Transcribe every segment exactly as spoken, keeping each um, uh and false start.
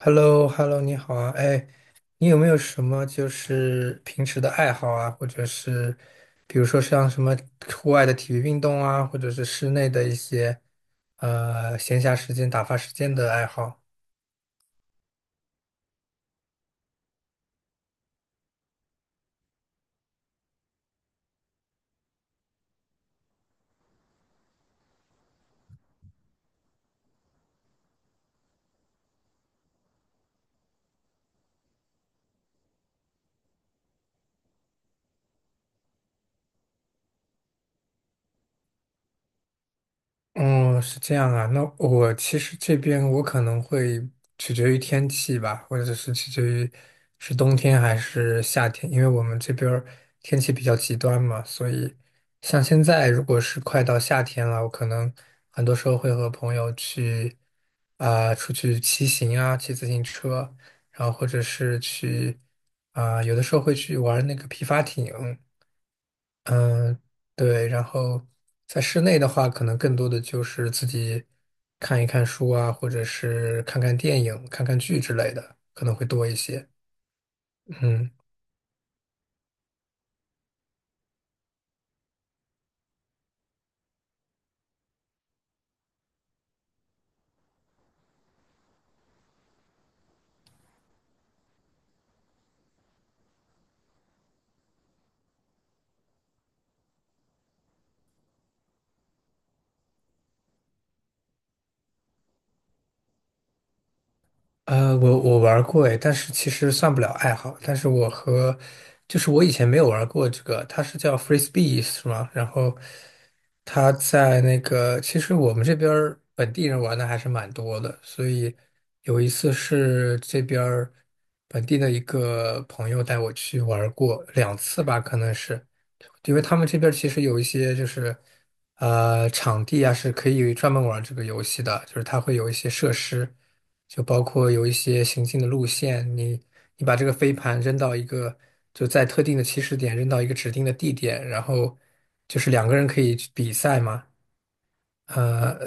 h e l l o h e l l o 你好啊，哎，你有没有什么就是平时的爱好啊，或者是比如说像什么户外的体育运动啊，或者是室内的一些呃闲暇时间、打发时间的爱好？哦，是这样啊。那我其实这边我可能会取决于天气吧，或者是取决于是冬天还是夏天，因为我们这边儿天气比较极端嘛，所以像现在如果是快到夏天了，我可能很多时候会和朋友去啊、出去骑行啊，骑自行车，然后或者是去啊、有的时候会去玩那个皮划艇。嗯，对，然后在室内的话，可能更多的就是自己看一看书啊，或者是看看电影、看看剧之类的，可能会多一些。嗯。呃，我我玩过诶，但是其实算不了爱好。但是我和就是我以前没有玩过这个，它是叫 f r e s b e e 是吗？然后他在那个，其实我们这边儿本地人玩的还是蛮多的。所以有一次是这边儿本地的一个朋友带我去玩过两次吧，可能是。因为他们这边儿其实有一些就是，呃，场地啊是可以专门玩这个游戏的，就是它会有一些设施，就包括有一些行进的路线，你你把这个飞盘扔到一个就在特定的起始点扔到一个指定的地点，然后就是两个人可以去比赛嘛，呃，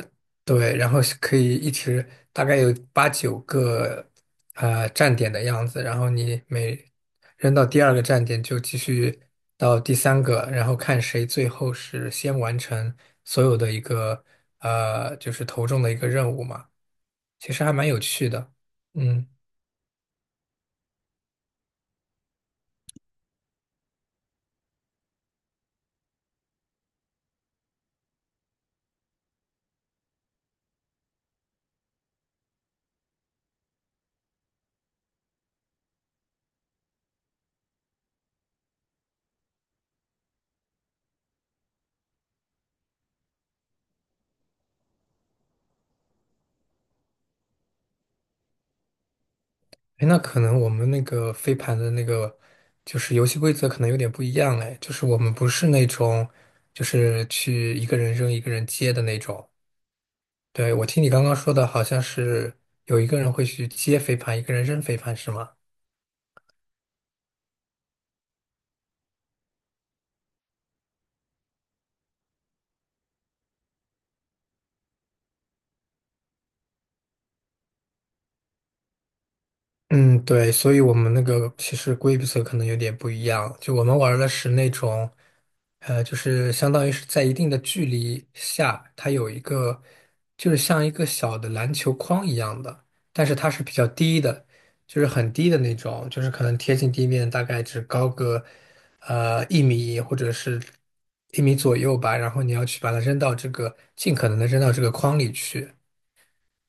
对，然后是可以一直大概有八九个呃站点的样子，然后你每扔到第二个站点就继续到第三个，然后看谁最后是先完成所有的一个呃就是投中的一个任务嘛，其实还蛮有趣的。嗯，哎，那可能我们那个飞盘的那个就是游戏规则可能有点不一样嘞。就是我们不是那种就是去一个人扔一个人接的那种。对，我听你刚刚说的好像是有一个人会去接飞盘，一个人扔飞盘，是吗？嗯，对，所以我们那个其实规则可能有点不一样，就我们玩的是那种，呃，就是相当于是在一定的距离下，它有一个，就是像一个小的篮球框一样的，但是它是比较低的，就是很低的那种，就是可能贴近地面，大概只高个，呃，一米或者是一米左右吧，然后你要去把它扔到这个，尽可能的扔到这个框里去。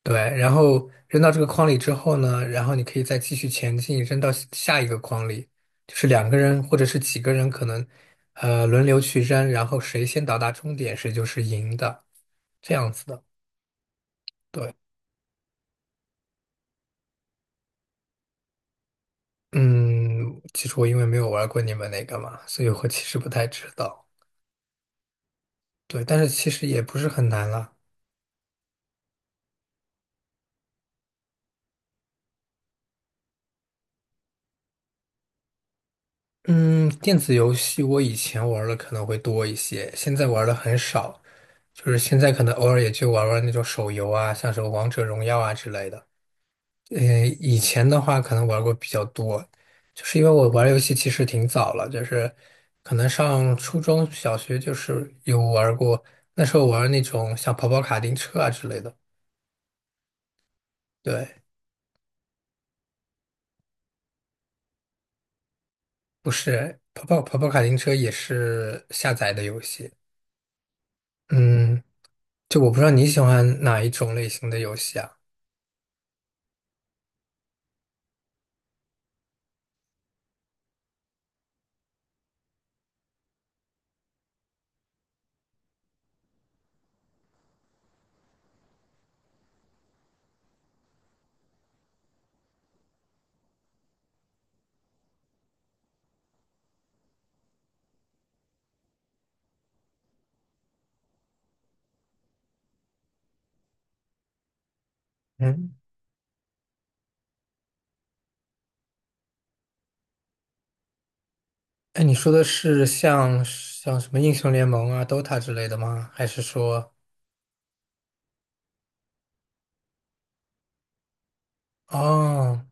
对，然后扔到这个筐里之后呢，然后你可以再继续前进，扔到下下一个筐里，就是两个人或者是几个人可能，呃，轮流去扔，然后谁先到达终点，谁就是赢的，这样子的。对，嗯，其实我因为没有玩过你们那个嘛，所以我其实不太知道。对，但是其实也不是很难了。嗯，电子游戏我以前玩的可能会多一些，现在玩的很少。就是现在可能偶尔也就玩玩那种手游啊，像什么王者荣耀啊之类的。呃，以前的话可能玩过比较多，就是因为我玩游戏其实挺早了，就是可能上初中小学就是有玩过，那时候玩那种像跑跑卡丁车啊之类的。对，不是跑跑跑跑卡丁车也是下载的游戏。嗯，就我不知道你喜欢哪一种类型的游戏啊？嗯。哎，你说的是像像什么英雄联盟啊、DOTA 之类的吗？还是说，哦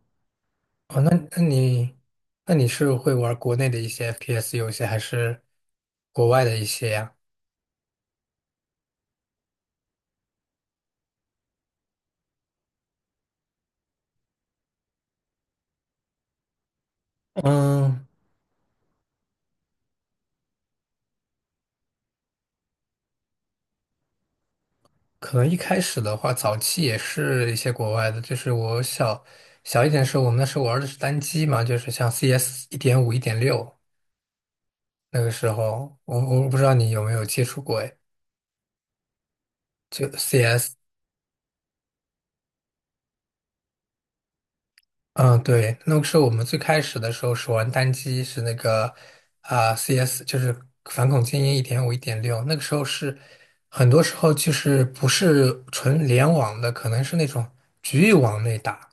哦，那那你那你是会玩国内的一些 F P S 游戏，还是国外的一些呀？嗯，可能一开始的话，早期也是一些国外的，就是我小小一点的时候，我们那时候玩的是单机嘛，就是像 C S 一点五、一点六，那个时候我我不知道你有没有接触过，哎，就 C S。嗯，对，那个时候我们最开始的时候是玩单机是那个啊、C S，就是反恐精英一点五、一点六。那个时候是很多时候就是不是纯联网的，可能是那种局域网内打，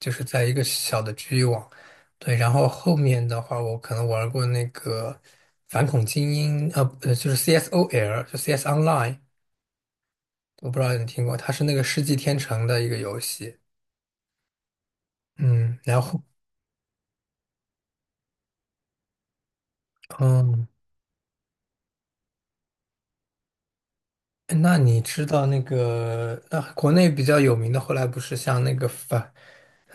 就是在一个小的局域网。对，然后后面的话，我可能玩过那个反恐精英，呃呃，就是 C S O L，就 C S Online，我不知道你听过，它是那个世纪天成的一个游戏。嗯，然后嗯。那你知道那个，那、国内比较有名的，后来不是像那个反，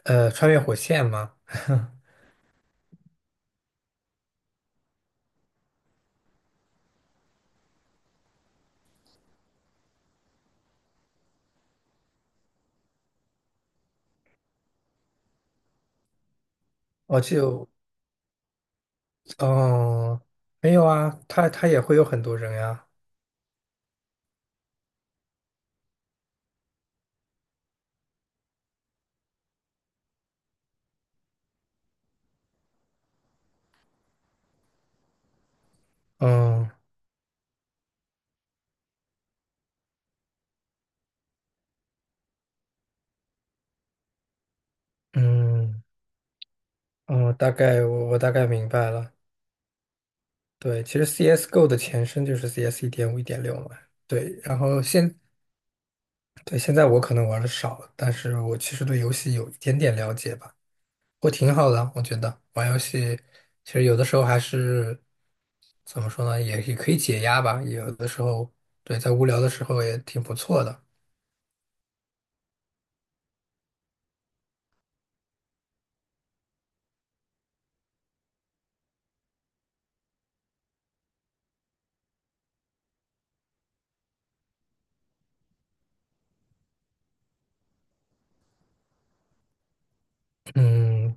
呃，穿越火线吗？我就，哦，没有啊，他他也会有很多人呀，嗯嗯嗯，大概我我大概明白了。对，其实 C S:G O 的前身就是 C S 一点五、一点六嘛。对，然后现对现在我可能玩的少了，但是我其实对游戏有一点点了解吧。我挺好的，我觉得玩游戏其实有的时候还是怎么说呢，也也可以解压吧。有的时候，对，在无聊的时候也挺不错的。嗯，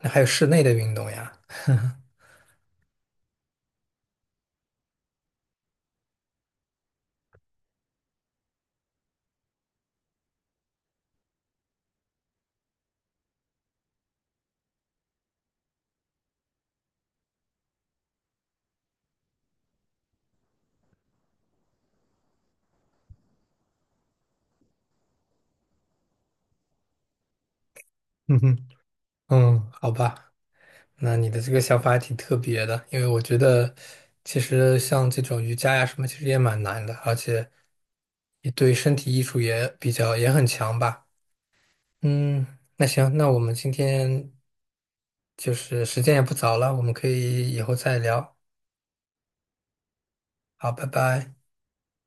那还有室内的运动呀 嗯哼，嗯，好吧，那你的这个想法还挺特别的，因为我觉得其实像这种瑜伽呀什么，其实也蛮难的，而且也对身体艺术也比较也很强吧。嗯，那行，那我们今天就是时间也不早了，我们可以以后再聊。好，拜拜。